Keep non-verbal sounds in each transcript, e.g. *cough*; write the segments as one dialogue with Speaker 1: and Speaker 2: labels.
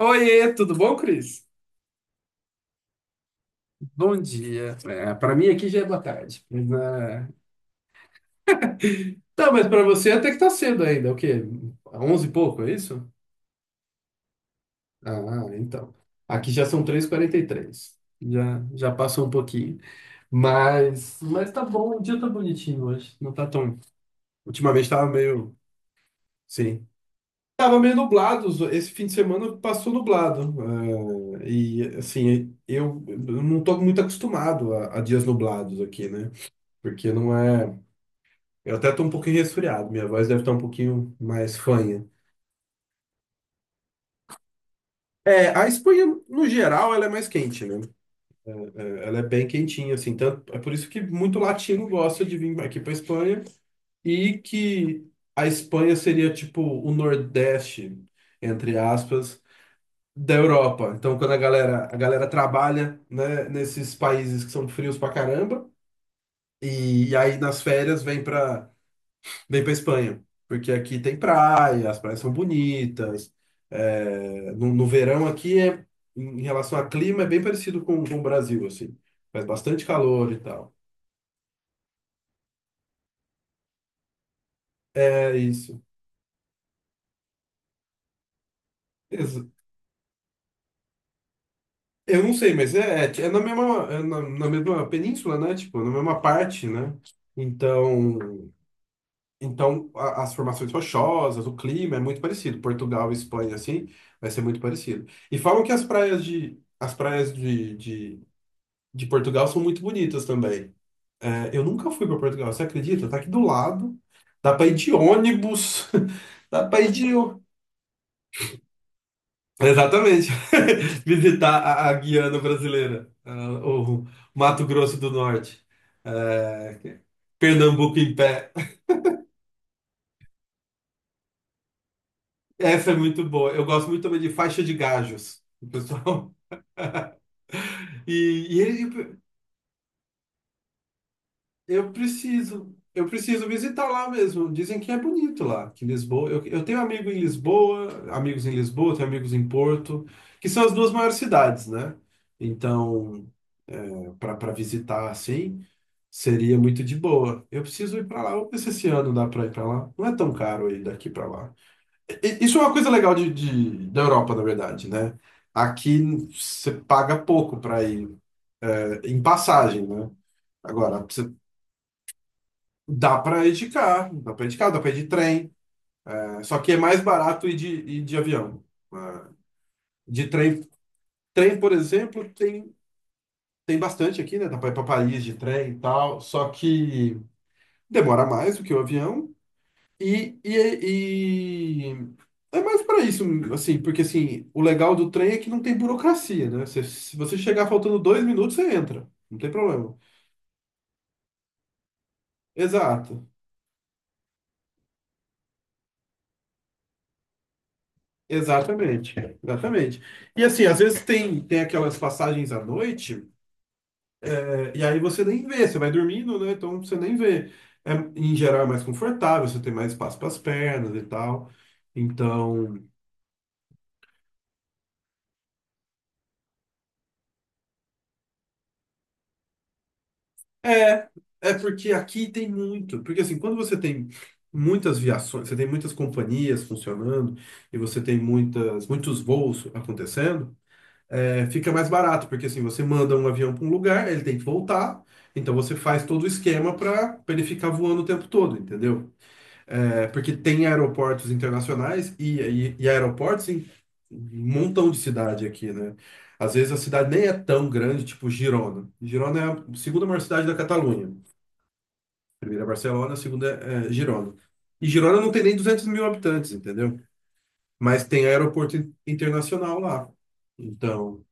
Speaker 1: Oiê, tudo bom, Cris? Bom dia. É, para mim aqui já é boa tarde. Tá, mas para você até que tá cedo ainda. O quê? 11 e pouco, é isso? Ah, então. Aqui já são 3h43. Já passou um pouquinho. Mas tá bom, o dia tá bonitinho hoje. Não tá tão. Ultimamente tava meio. Sim. Tava meio nublado, esse fim de semana passou nublado. É, e assim, eu não tô muito acostumado a dias nublados aqui, né? Porque não é. Eu até tô um pouquinho resfriado, minha voz deve estar um pouquinho mais fanha. É, a Espanha, no geral, ela é mais quente, né? É, ela é bem quentinha, assim. Tanto, é por isso que muito latino gosta de vir aqui pra Espanha e que a Espanha seria, tipo, o Nordeste, entre aspas, da Europa. Então, quando a galera trabalha, né, nesses países que são frios pra caramba, e aí nas férias vem pra. Vem para Espanha, porque aqui tem praia, as praias são bonitas. É, no verão aqui, em relação a clima, é bem parecido com o Brasil, assim. Faz bastante calor e tal. É isso. Ex- Eu não sei, mas é na mesma, é na mesma península, né? Tipo, na mesma parte, né? Então, então as formações rochosas, o clima é muito parecido. Portugal e Espanha, assim, vai ser muito parecido. E falam que as praias de Portugal são muito bonitas também. É, eu nunca fui para Portugal, você acredita? Tá aqui do lado. Dá para ir de ônibus. *laughs* Dá para ir de. Exatamente. *laughs* Visitar a Guiana brasileira, o Mato Grosso do Norte. É, Pernambuco em pé. *laughs* Essa é muito boa. Eu gosto muito também de faixa de gajos, o pessoal. *laughs* E, e ele- eu preciso visitar lá mesmo. Dizem que é bonito lá, que Lisboa. Eu tenho amigo em Lisboa, amigos em Lisboa, tenho amigos em Porto, que são as duas maiores cidades, né? Então, para visitar assim, seria muito de boa. Eu preciso ir para lá. Vamos ver se esse ano dá para ir para lá. Não é tão caro ir daqui para lá. Isso é uma coisa legal da Europa, na verdade, né? Aqui você paga pouco para ir em passagem, né? Agora, Dá pra ir de carro, dá pra ir de carro, dá pra ir de trem. É, só que é mais barato ir de avião. É, de trem, por exemplo, tem bastante aqui, né? Dá pra ir pra Paris de trem e tal. Só que demora mais do que o avião. E é mais pra isso, assim, porque assim, o legal do trem é que não tem burocracia, né? Se você chegar faltando 2 minutos, você entra. Não tem problema. Exato. Exatamente, exatamente. E assim, às vezes tem aquelas passagens à noite. E aí você nem vê, você vai dormindo, né? Então você nem vê. É, em geral é mais confortável, você tem mais espaço para as pernas e tal. Então, é, é porque aqui tem muito. Porque assim, quando você tem muitas viações, você tem muitas companhias funcionando e você tem muitas, muitos voos acontecendo, fica mais barato, porque assim, você manda um avião para um lugar, ele tem que voltar, então você faz todo o esquema para ele ficar voando o tempo todo, entendeu? É, porque tem aeroportos internacionais e aeroportos em um montão de cidade aqui, né? Às vezes a cidade nem é tão grande, tipo Girona. Girona é a segunda maior cidade da Catalunha. Primeira é Barcelona, a segunda é Girona. E Girona não tem nem 200 mil habitantes, entendeu? Mas tem aeroporto internacional lá. Então,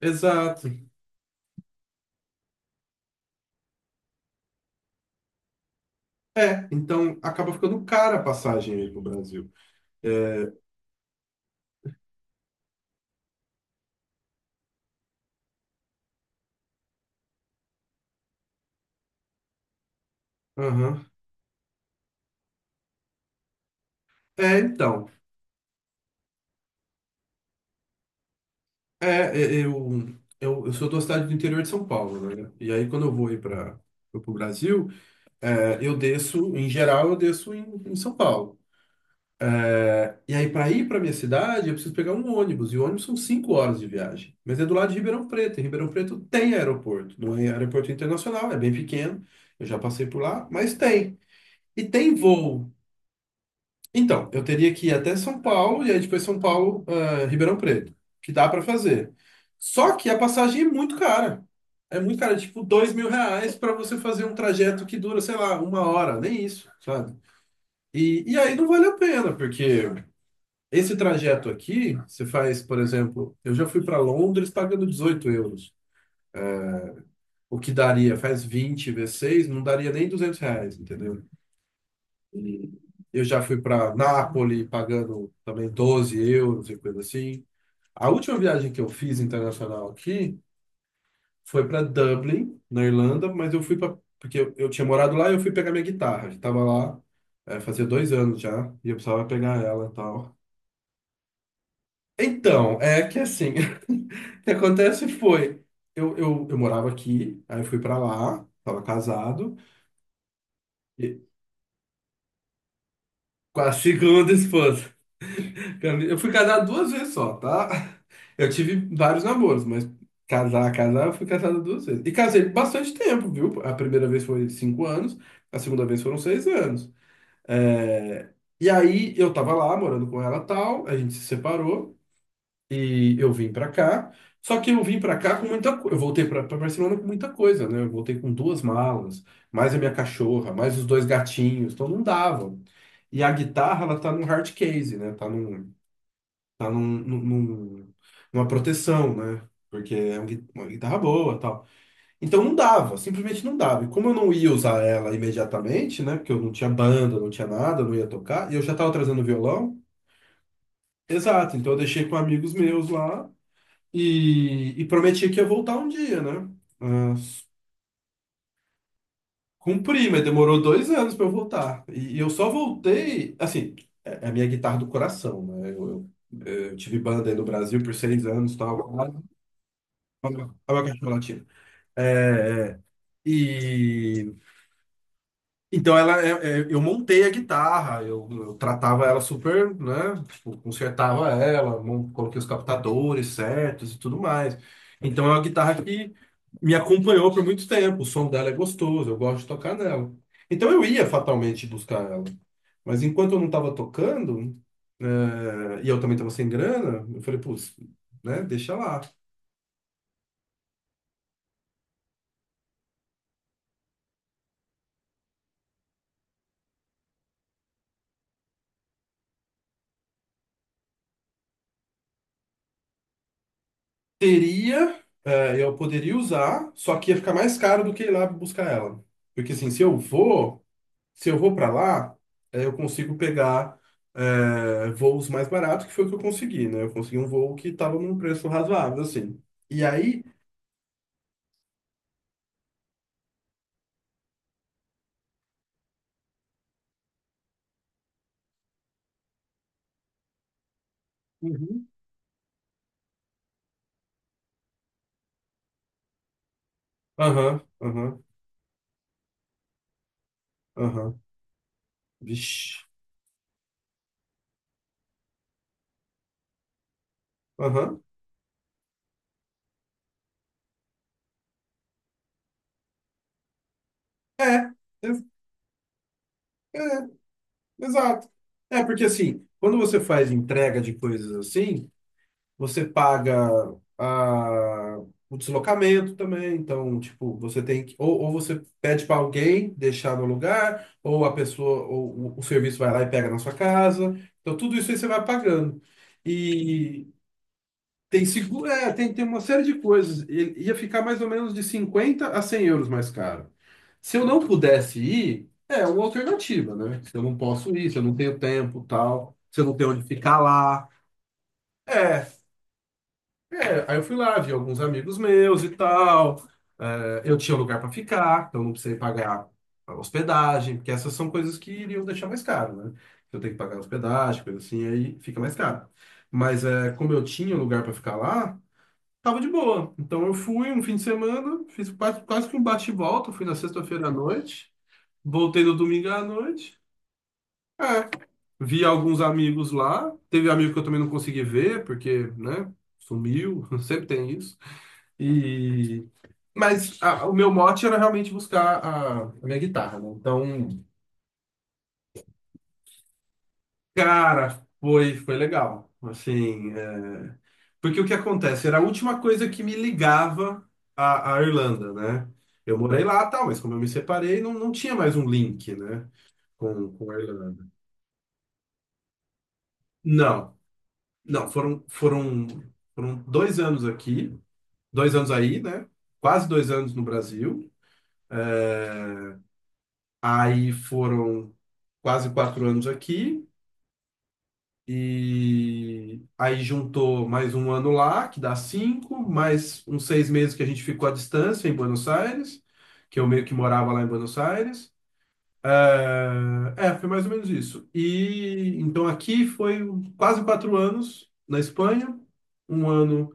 Speaker 1: exato. É, então acaba ficando cara a passagem aí pro Brasil. Aham. É, então. É, eu sou da cidade do interior de São Paulo, né? E aí, quando eu vou ir para o Brasil, é, eu desço, em geral, eu desço em São Paulo. E aí, para ir para minha cidade, eu preciso pegar um ônibus. E o ônibus são 5 horas de viagem. Mas é do lado de Ribeirão Preto. E Ribeirão Preto tem aeroporto. Não é aeroporto internacional, é bem pequeno. Eu já passei por lá, mas tem. E tem voo. Então, eu teria que ir até São Paulo e aí depois São Paulo, Ribeirão Preto, que dá pra fazer. Só que a passagem é muito cara. É muito cara, tipo 2 mil reais para você fazer um trajeto que dura, sei lá, uma hora, nem isso, sabe? E aí não vale a pena, porque esse trajeto aqui, você faz, por exemplo, eu já fui para Londres pagando 18 euros. O que daria, faz 20 vezes 6, não daria nem 200 reais, entendeu? E eu já fui para Nápoles pagando também 12 euros e coisa assim. A última viagem que eu fiz internacional aqui foi para Dublin, na Irlanda, mas eu fui para porque eu tinha morado lá e eu fui pegar minha guitarra. Que Tava lá, é, fazia 2 anos já, e eu precisava pegar ela e tal. Então, é que assim, *laughs* o que acontece foi, eu morava aqui, aí eu fui para lá, estava casado, e, com a segunda esposa. Eu fui casado duas vezes só, tá? Eu tive vários namoros, mas casar, casar, eu fui casado duas vezes. E casei bastante tempo, viu? A primeira vez foi 5 anos, a segunda vez foram 6 anos. É, e aí eu tava lá morando com ela tal, a gente se separou e eu vim pra cá. Só que eu vim pra cá com muita coisa. Eu voltei pra Barcelona com muita coisa, né? Eu voltei com duas malas, mais a minha cachorra, mais os dois gatinhos, então não dava. E a guitarra, ela tá num hard case, né? Tá num- num- numa proteção, né? Porque é uma uma guitarra boa, tal. Então não dava, simplesmente não dava. E como eu não ia usar ela imediatamente, né? Porque eu não tinha banda, não tinha nada, eu não ia tocar, e eu já tava trazendo violão. Exato, então eu deixei com amigos meus lá e prometi que ia voltar um dia, né? Ah, cumpri, mas demorou 2 anos para eu voltar. E eu só voltei, assim, é a minha guitarra do coração, né? Eu tive banda aí no Brasil por 6 anos, tal. Olha a minha cachorro. É, é. E então ela, eu montei a guitarra, eu tratava ela super, né? Tipo, consertava ela, coloquei os captadores certos e tudo mais. Então é uma guitarra que me acompanhou por muito tempo. O som dela é gostoso, eu gosto de tocar nela. Então eu ia fatalmente buscar ela. Mas enquanto eu não estava tocando, e eu também estava sem grana, eu falei, putz, né? Deixa lá. Teria, eu poderia usar, só que ia ficar mais caro do que ir lá buscar ela. Porque assim, se eu vou para lá, é, eu consigo pegar voos mais baratos, que foi o que eu consegui, né? Eu consegui um voo que estava num preço razoável, assim. E aí, Uhum. Aham, aham, vixe, aham, é, ex- exato. É, porque assim, quando você faz entrega de coisas assim, você paga a- o deslocamento também, então, tipo, você tem que, ou você pede para alguém deixar no lugar, ou a pessoa, ou o serviço vai lá e pega na sua casa. Então, tudo isso aí você vai pagando. E tem seguro, tem uma série de coisas. Ele ia ficar mais ou menos de 50 a 100 euros mais caro. Se eu não pudesse ir, é uma alternativa, né? Se eu não posso ir, se eu não tenho tempo, tal, se eu não tenho onde ficar lá. É, é, aí eu fui lá, vi alguns amigos meus e tal. É, eu tinha lugar para ficar, então não precisei pagar a hospedagem, porque essas são coisas que iriam deixar mais caro, né? Eu tenho que pagar a hospedagem, coisa assim, aí fica mais caro. Mas é, como eu tinha lugar para ficar lá, tava de boa. Então eu fui um fim de semana, fiz quase, quase que um bate e volta, fui na sexta-feira à noite, voltei no domingo à noite. É, vi alguns amigos lá, teve amigo que eu também não consegui ver, porque, né, sumiu, *laughs* sempre tem isso. E... O meu mote era realmente buscar a minha guitarra, né? Então, cara, foi legal. Assim, porque o que acontece? Era a última coisa que me ligava à Irlanda, né? Eu morei lá, tal, mas como eu me separei, não tinha mais um link, né? Com a Irlanda. Não, não, foram dois anos aqui, 2 anos aí, né? Quase dois anos no Brasil. Aí foram quase 4 anos aqui. E aí juntou mais um ano lá, que dá cinco, mais uns 6 meses que a gente ficou à distância em Buenos Aires, que eu meio que morava lá em Buenos Aires. É, foi mais ou menos isso. E então aqui foi quase 4 anos na Espanha, um ano,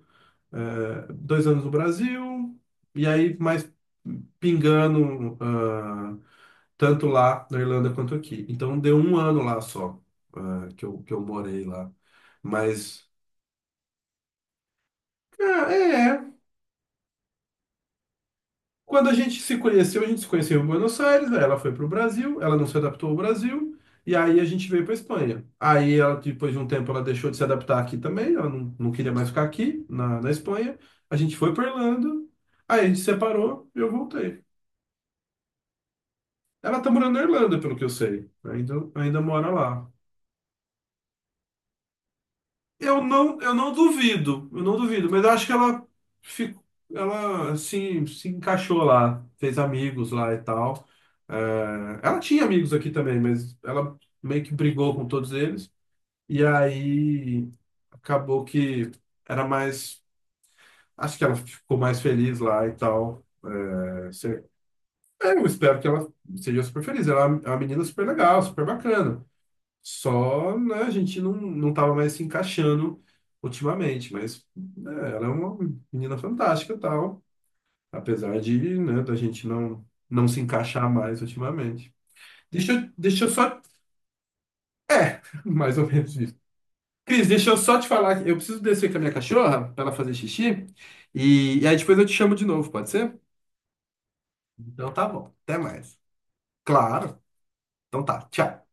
Speaker 1: é, dois anos no Brasil, e aí mais pingando tanto lá na Irlanda quanto aqui. Então deu um ano lá só, que eu morei lá. Mas, ah, é, é. quando a gente se conheceu em Buenos Aires, aí ela foi para o Brasil, ela não se adaptou ao Brasil, e aí a gente veio para Espanha. Aí, ela, depois de um tempo, ela deixou de se adaptar aqui também, ela não queria mais ficar aqui, na Espanha. A gente foi para Irlanda, aí a gente separou e eu voltei. Ela tá morando na Irlanda, pelo que eu sei. Ainda mora lá. Eu não duvido, mas eu acho que ela ficou, ela assim, se encaixou lá, fez amigos lá e tal. É, ela tinha amigos aqui também, mas ela meio que brigou com todos eles. E aí acabou que era mais. Acho que ela ficou mais feliz lá e tal. É, eu espero que ela seja super feliz. Ela é uma menina super legal, super bacana. Só, né, a gente não tava mais se encaixando ultimamente, mas né, ela é uma menina fantástica e tal, apesar de, né, da gente não se encaixar mais ultimamente. Deixa eu só... É, *laughs* mais ou menos isso. Cris, deixa eu só te falar, que eu preciso descer com a minha cachorra para ela fazer xixi, e aí depois eu te chamo de novo, pode ser? Então tá bom, até mais. Claro, então tá, tchau.